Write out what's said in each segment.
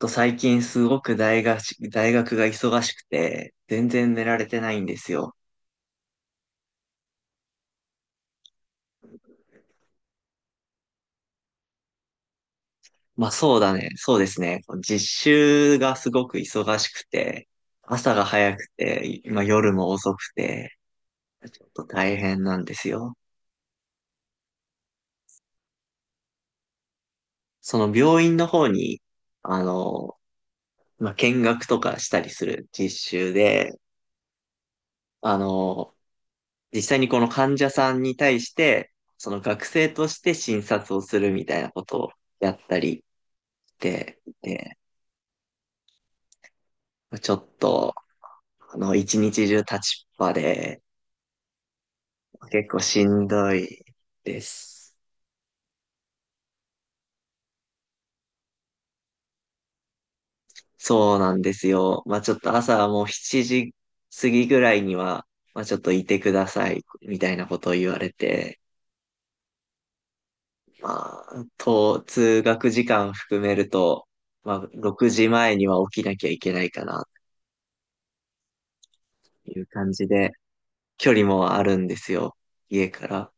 最近すごく大学が忙しくて、全然寝られてないんですよ。まあそうだね。そうですね。実習がすごく忙しくて、朝が早くて、まあ夜も遅くて、ちょっと大変なんですよ。その病院の方に、あの、まあ見学とかしたりする実習で、あの、実際にこの患者さんに対して、その学生として診察をするみたいなことをやったりして、ちょっと、一日中立ちっぱで、結構しんどいです。そうなんですよ。まあちょっと朝はもう7時過ぎぐらいには、まあちょっといてください、みたいなことを言われて、まあ、通学時間含めると、まあ6時前には起きなきゃいけないかな、という感じで、距離もあるんですよ、家から。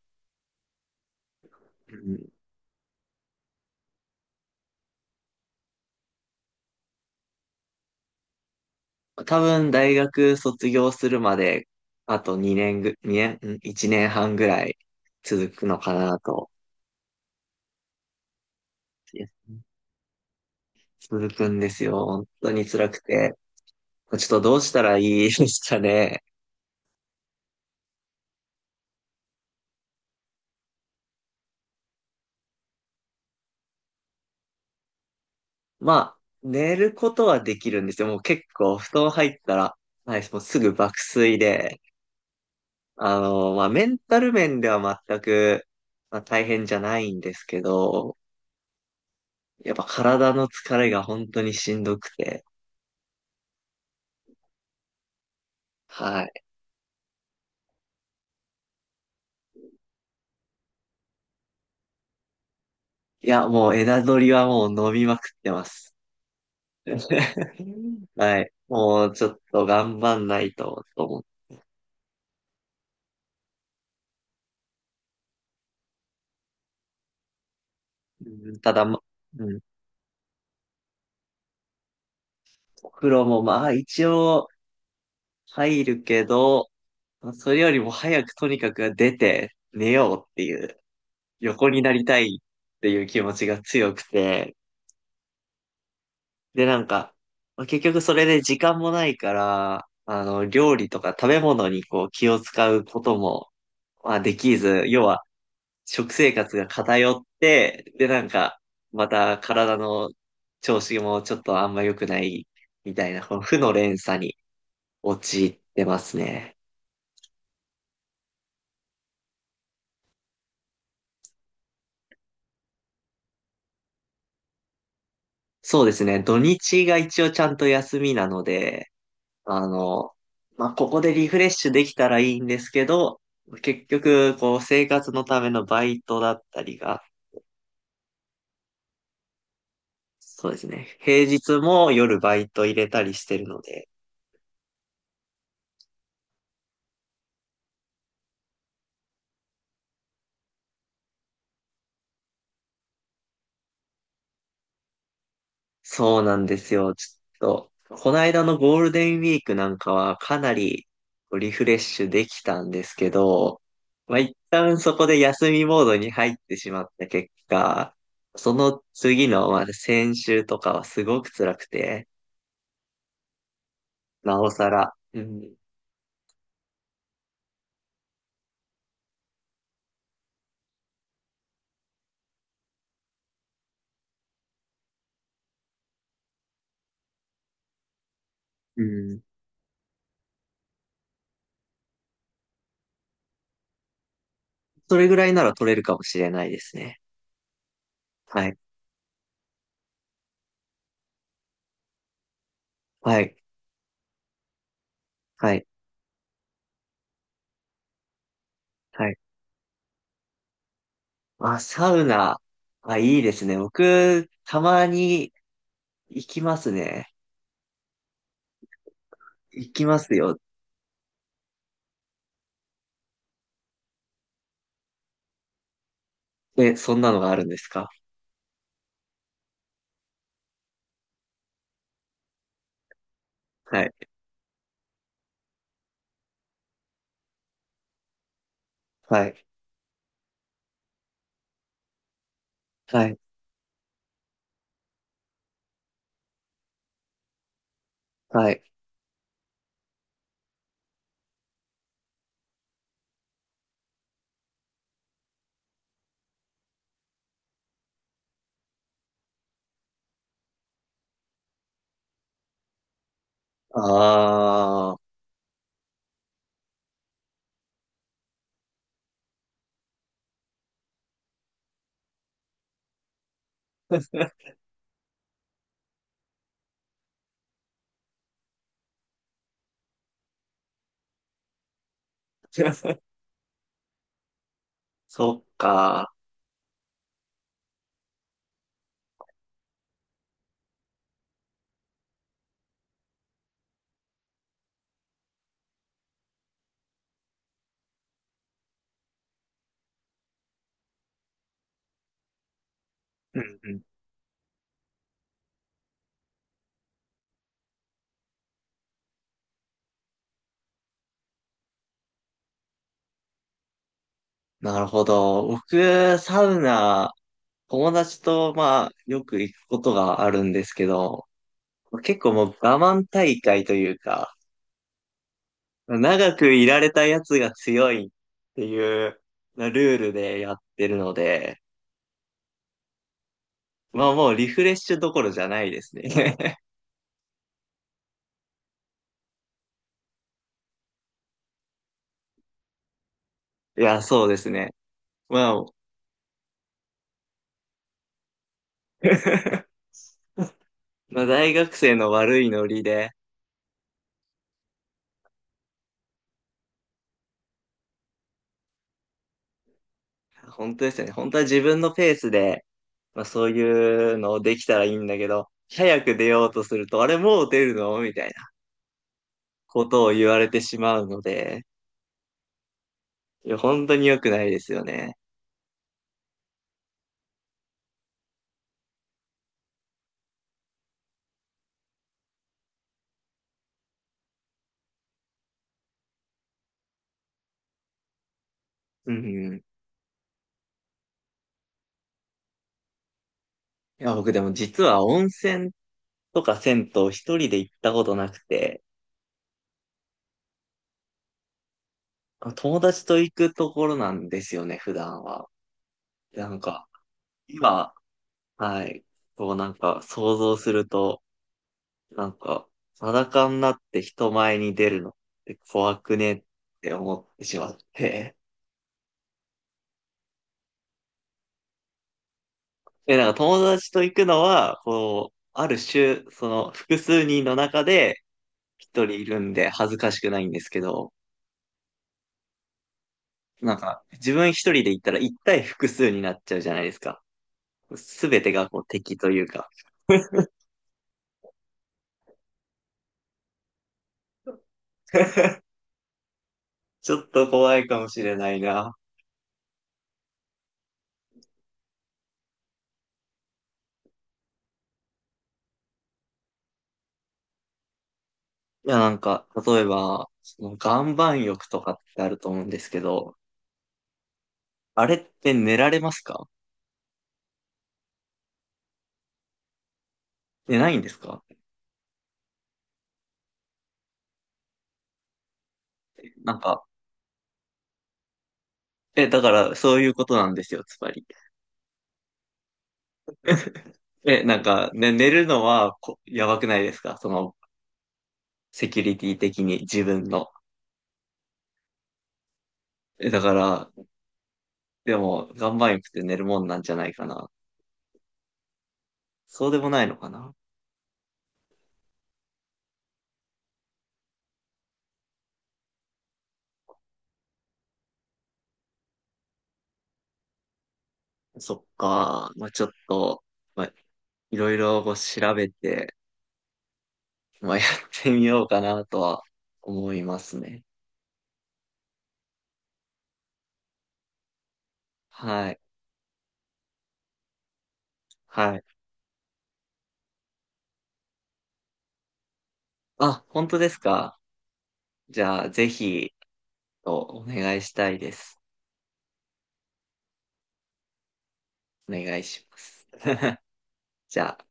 多分大学卒業するまで、あと2年ぐ、2年、いちねん1年半ぐらい続くのかなと。いや続くんですよ。本当に辛くて。ちょっとどうしたらいいですかね。まあ、寝ることはできるんですよ。もう結構布団入ったら、はい、もうすぐ爆睡で、まあメンタル面では全く、まあ、大変じゃないんですけど、やっぱ体の疲れが本当にしんどくて、はい。いや、もう枝取りはもう飲みまくってます。はい。もうちょっと頑張んないと、と思う。うんただ、ま、うん。お風呂もまあ一応入るけど、それよりも早くとにかく出て寝ようっていう、横になりたいっていう気持ちが強くて、でなんか、まあ結局それで時間もないから、料理とか食べ物にこう気を使うことも、まあできず、要は食生活が偏って、で、なんか、また体の調子もちょっとあんま良くないみたいな、この負の連鎖に陥ってますね。そうですね。土日が一応ちゃんと休みなので、あの、まあ、ここでリフレッシュできたらいいんですけど、結局、こう、生活のためのバイトだったりが、そうですね。平日も夜バイト入れたりしてるので、そうなんですよ。ちょっと、この間のゴールデンウィークなんかはかなりリフレッシュできたんですけど、まあ、一旦そこで休みモードに入ってしまった結果、その次の、まあ、先週とかはすごく辛くて、なおさら、うん、うん、それぐらいなら取れるかもしれないですね。はい、はい、はい、はい。まあ、サウナ、あ、いいですね。僕、たまに行きますね。行きますよ。え、そんなのがあるんですか？はい。はい。はい。はい。ああ。そっか。うんうん。なるほど。僕、サウナ、友達と、まあ、よく行くことがあるんですけど、結構もう我慢大会というか、長くいられたやつが強いっていうルールでやってるので、まあもうリフレッシュどころじゃないですね。いや、そうですね。まあ、まあ、大学生の悪いノリで、本当ですよね。本当は自分のペースで、まあ、そういうのをできたらいいんだけど、早く出ようとすると、あれもう出るのみたいなことを言われてしまうので、いや、本当に良くないですよね。うんうん。いや、僕でも実は温泉とか銭湯一人で行ったことなくて、友達と行くところなんですよね、普段は。なんか、今、はい、こうなんか想像すると、なんか、裸になって人前に出るのって怖くね？って思ってしまって。で、なんか友達と行くのは、こう、ある種、その複数人の中で一人いるんで恥ずかしくないんですけど、なんか自分一人で行ったら一対複数になっちゃうじゃないですか。すべてがこう敵というか。ちょっと怖いかもしれないな。いや、なんか、例えば、その岩盤浴とかってあると思うんですけど、あれって寝られますか？寝ないんですか？なんか、え、だからそういうことなんですよ、つまり。え、なんか、ね、寝るのはこやばくないですか？その、セキュリティ的に自分の。え、だから、でも、岩盤浴って寝るもんなんじゃないかな。そうでもないのかな？そっか。まあ、ちょっと、まあ、いろいろこう調べて、まあ、やってみようかなとは思いますね。はい。はい。あ、本当ですか？じゃあ、ぜひ、お願いしたいです。お願いします。じゃあ。